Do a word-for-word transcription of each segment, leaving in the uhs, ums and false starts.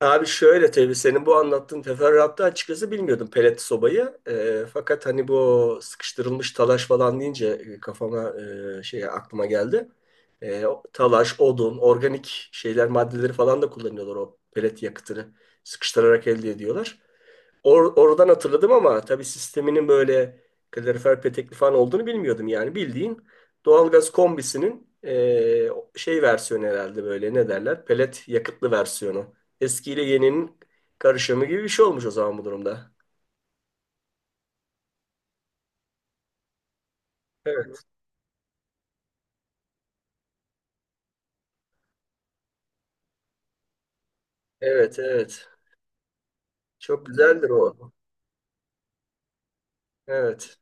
Abi şöyle tabii senin bu anlattığın teferruatta açıkçası bilmiyordum pelet sobayı. Ee, fakat hani bu sıkıştırılmış talaş falan deyince e, kafama e, şey aklıma geldi. Ee, o- talaş, odun, organik şeyler maddeleri falan da kullanıyorlar o pelet yakıtını sıkıştırarak elde ediyorlar. Or- oradan hatırladım ama tabii sisteminin böyle kalorifer petekli falan olduğunu bilmiyordum yani. Bildiğin doğalgaz kombisinin eee, şey versiyonu herhalde böyle ne derler? Pelet yakıtlı versiyonu. Eskiyle yeninin karışımı gibi bir şey olmuş o zaman bu durumda. Evet, evet, evet. Çok güzeldir o. Evet,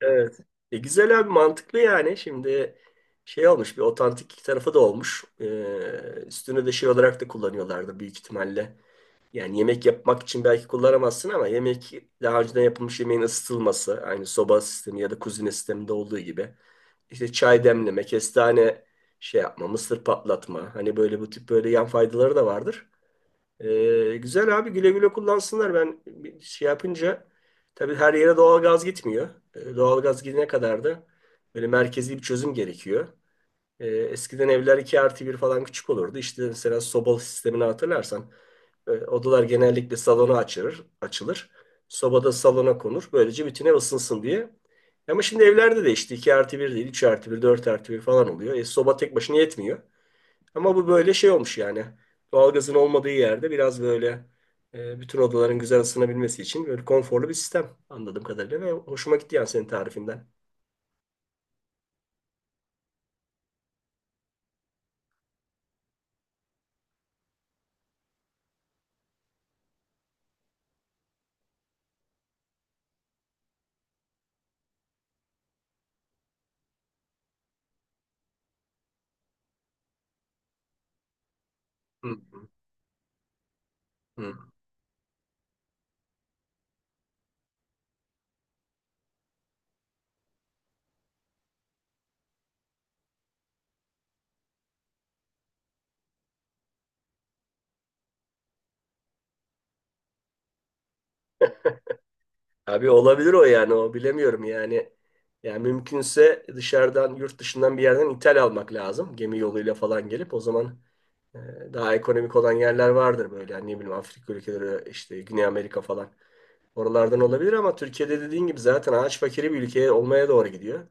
evet. E, güzel abi, mantıklı yani. Şimdi şey olmuş, bir otantik tarafı da olmuş. Eee üstünü de şey olarak da kullanıyorlardı büyük ihtimalle. Yani yemek yapmak için belki kullanamazsın ama yemek, daha önceden yapılmış yemeğin ısıtılması, aynı soba sistemi ya da kuzine sisteminde olduğu gibi. İşte çay demleme, kestane şey yapma, mısır patlatma. Hani böyle bu tip böyle yan faydaları da vardır. Ee, güzel abi, güle güle kullansınlar. Ben bir şey yapınca tabii her yere doğalgaz gitmiyor. Ee, doğalgaz gidene kadar da böyle merkezi bir çözüm gerekiyor. E, eskiden evler iki artı bir falan küçük olurdu. İşte mesela sobalı sistemini hatırlarsan e, odalar genellikle salona açılır, açılır. Sobada salona konur. Böylece bütün ev ısınsın diye. Ama şimdi evlerde de işte iki artı bir değil, üç artı bir, dört artı bir falan oluyor. E, soba tek başına yetmiyor. Ama bu böyle şey olmuş yani. Doğalgazın olmadığı yerde biraz böyle e, bütün odaların güzel ısınabilmesi için böyle konforlu bir sistem, anladığım kadarıyla ve hoşuma gitti yani senin tarifinden. Hı hı. Abi olabilir o, yani o bilemiyorum yani. Yani mümkünse dışarıdan, yurt dışından bir yerden ithal almak lazım. Gemi yoluyla falan gelip o zaman e, daha ekonomik olan yerler vardır böyle. Yani ne bileyim Afrika ülkeleri, işte Güney Amerika falan. Oralardan olabilir ama Türkiye'de dediğin gibi zaten ağaç fakiri bir ülke olmaya doğru gidiyor.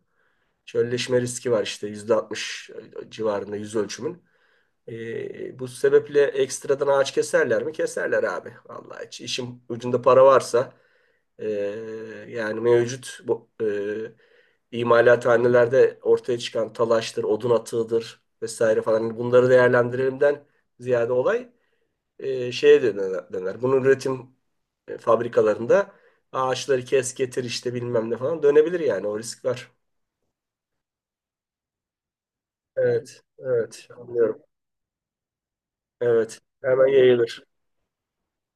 Çölleşme riski var işte yüzde altmış civarında yüz ölçümün. Ee, bu sebeple ekstradan ağaç keserler mi? Keserler abi. Vallahi hiç, işin ucunda para varsa ee, yani mevcut bu ee, imalathanelerde ortaya çıkan talaştır, odun atığıdır vesaire falan, hani bunları değerlendirelimden ziyade olay ee, şeye döner. döner. Bunun üretim e, fabrikalarında ağaçları kes getir işte bilmem ne falan dönebilir yani, o risk var. Evet, evet, anlıyorum. Evet, hemen yayılır.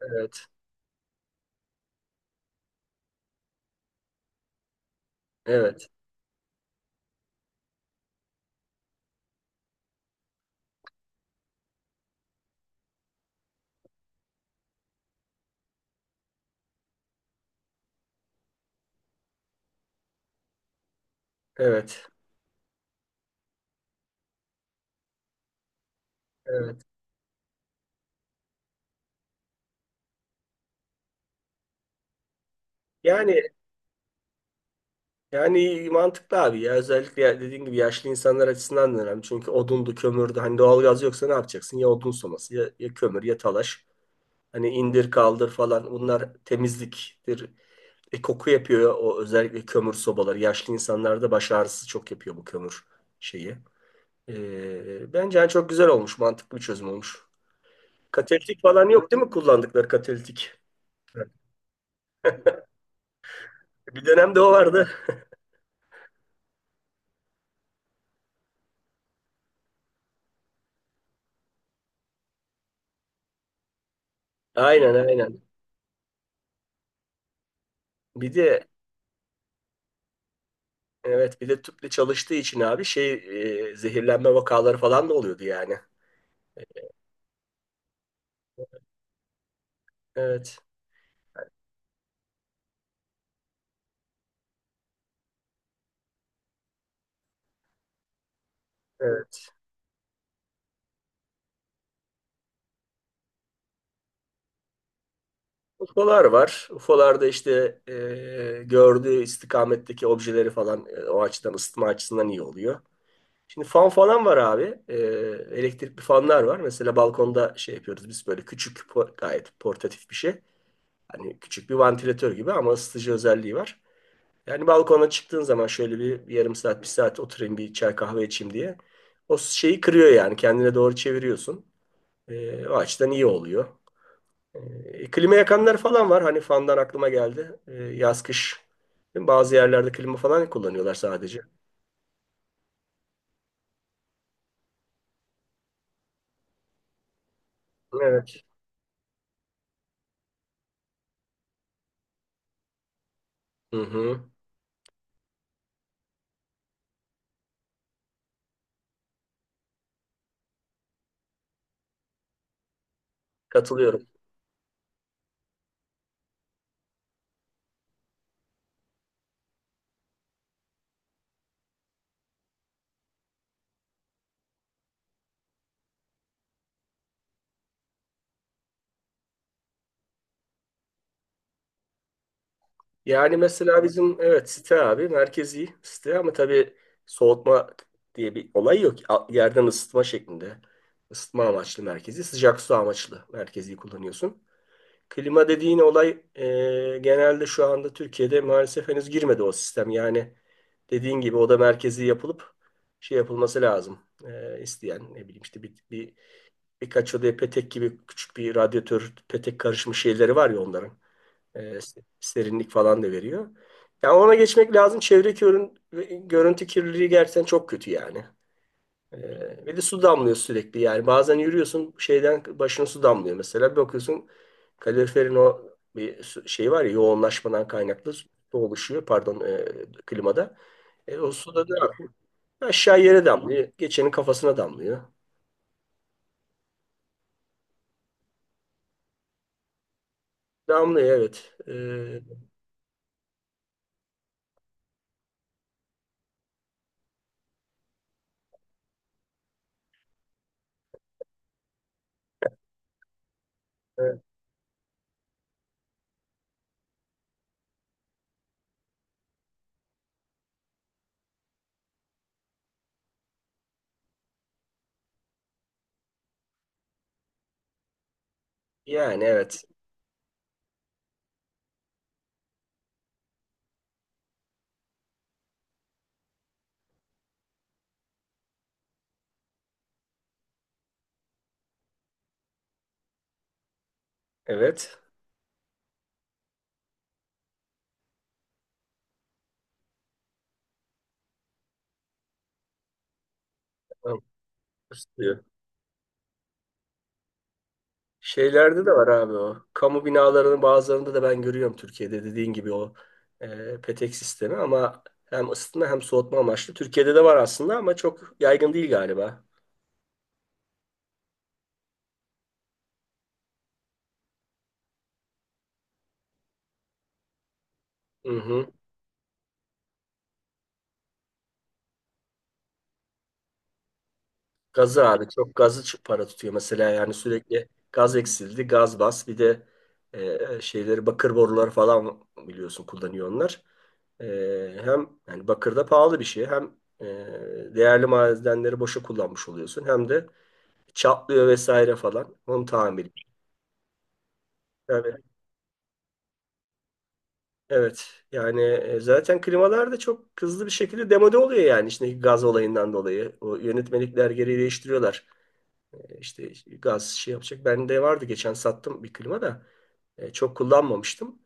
Evet, evet. Evet, evet. Yani yani mantıklı abi ya, özellikle ya- dediğin gibi yaşlı insanlar açısından da önemli. Çünkü odundu, kömürdü. Hani doğalgaz yoksa ne yapacaksın? Ya odun soması ya, ya kömür ya talaş. Hani indir kaldır falan, bunlar temizliktir. E, koku yapıyor o, özellikle kömür sobaları. Yaşlı insanlarda baş ağrısı çok yapıyor bu kömür şeyi. E, bence yani çok güzel olmuş, mantıklı bir çözüm olmuş. Katalitik falan yok değil mi, kullandıkları katalitik? Bir dönemde o vardı. Aynen, aynen. Bir de evet, bir de tüple çalıştığı için abi şey, e, zehirlenme vakaları falan da oluyordu yani. Evet. Evet. UFO'lar var. UFO'larda işte e, gördüğü istikametteki objeleri falan, e, o açıdan ısıtma açısından iyi oluyor. Şimdi fan falan var abi. E, elektrikli fanlar var. Mesela balkonda şey yapıyoruz biz, böyle küçük po- gayet portatif bir şey. Hani küçük bir vantilatör gibi ama ısıtıcı özelliği var. Yani balkona çıktığın zaman şöyle bir, bir yarım saat, bir saat oturayım, bir çay kahve içeyim diye. O şeyi kırıyor yani. Kendine doğru çeviriyorsun. Ee, o açıdan iyi oluyor. Ee, klima yakanlar falan var. Hani fandan aklıma geldi. Ee, yaz kış. Bazı yerlerde klima falan kullanıyorlar sadece. Evet. Hı hı. Katılıyorum. Yani mesela bizim, evet, site abi, merkezi site ama tabii soğutma diye bir olay yok. A- Yerden ısıtma şeklinde. Isıtma amaçlı merkezi, sıcak su amaçlı merkezi kullanıyorsun. Klima dediğin olay e, genelde şu anda Türkiye'de maalesef henüz girmedi o sistem. Yani dediğin gibi o da merkezi yapılıp şey yapılması lazım. E, isteyen ne bileyim işte bir, bir, birkaç odaya petek gibi küçük bir radyatör, petek karışmış şeyleri var ya onların. E, Serinlik falan da veriyor. Yani ona geçmek lazım. Çevre görün- görüntü kirliliği gerçekten çok kötü yani. E, Ve de su damlıyor sürekli. Yani bazen yürüyorsun, şeyden başına su damlıyor mesela. Bir bakıyorsun kaloriferin o bir su- şey var ya, yoğunlaşmadan kaynaklı su oluşuyor, pardon, e, klimada. E, o su da ne yapıyor? Aşağı yere damlıyor. Geçenin kafasına damlıyor. Damlıyor, evet. E, e, yani evet. Evet. Tamam. Şeylerde de var abi o. Kamu binalarının bazılarında da ben görüyorum Türkiye'de, dediğin gibi o e, petek sistemi ama hem ısıtma hem soğutma amaçlı. Türkiye'de de var aslında ama çok yaygın değil galiba. Hı hı. Gazı abi, çok gazı ç- para tutuyor mesela yani, sürekli gaz eksildi, gaz bas, bir de e, şeyleri bakır borular falan biliyorsun kullanıyor onlar. E, Hem yani bakır da pahalı bir şey, hem e, değerli madenleri boşa kullanmış oluyorsun, hem de çatlıyor vesaire falan. Onun tamiri. Yani, evet. evet. Yani e, zaten klimalar da çok hızlı bir şekilde demode oluyor yani, içindeki gaz olayından dolayı. O yönetmelikler geri değiştiriyorlar. E, İşte gaz şey yapacak. Bende vardı, geçen sattım bir klima da. E, çok kullanmamıştım.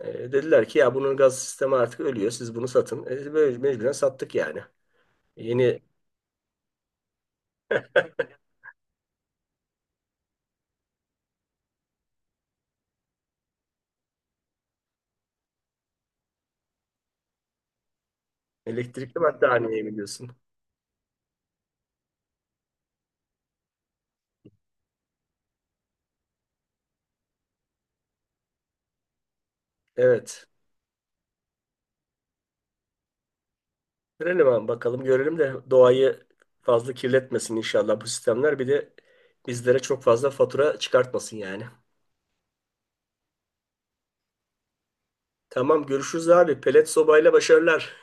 E, dediler ki ya, bunun gaz sistemi artık ölüyor, siz bunu satın. E, böyle mecburen sattık yani. Yeni elektrikli battaniyeyi biliyorsun. Evet. Görelim abi, bakalım görelim de doğayı fazla kirletmesin inşallah bu sistemler. Bir de bizlere çok fazla fatura çıkartmasın yani. Tamam, görüşürüz abi. Pelet sobayla başarılar.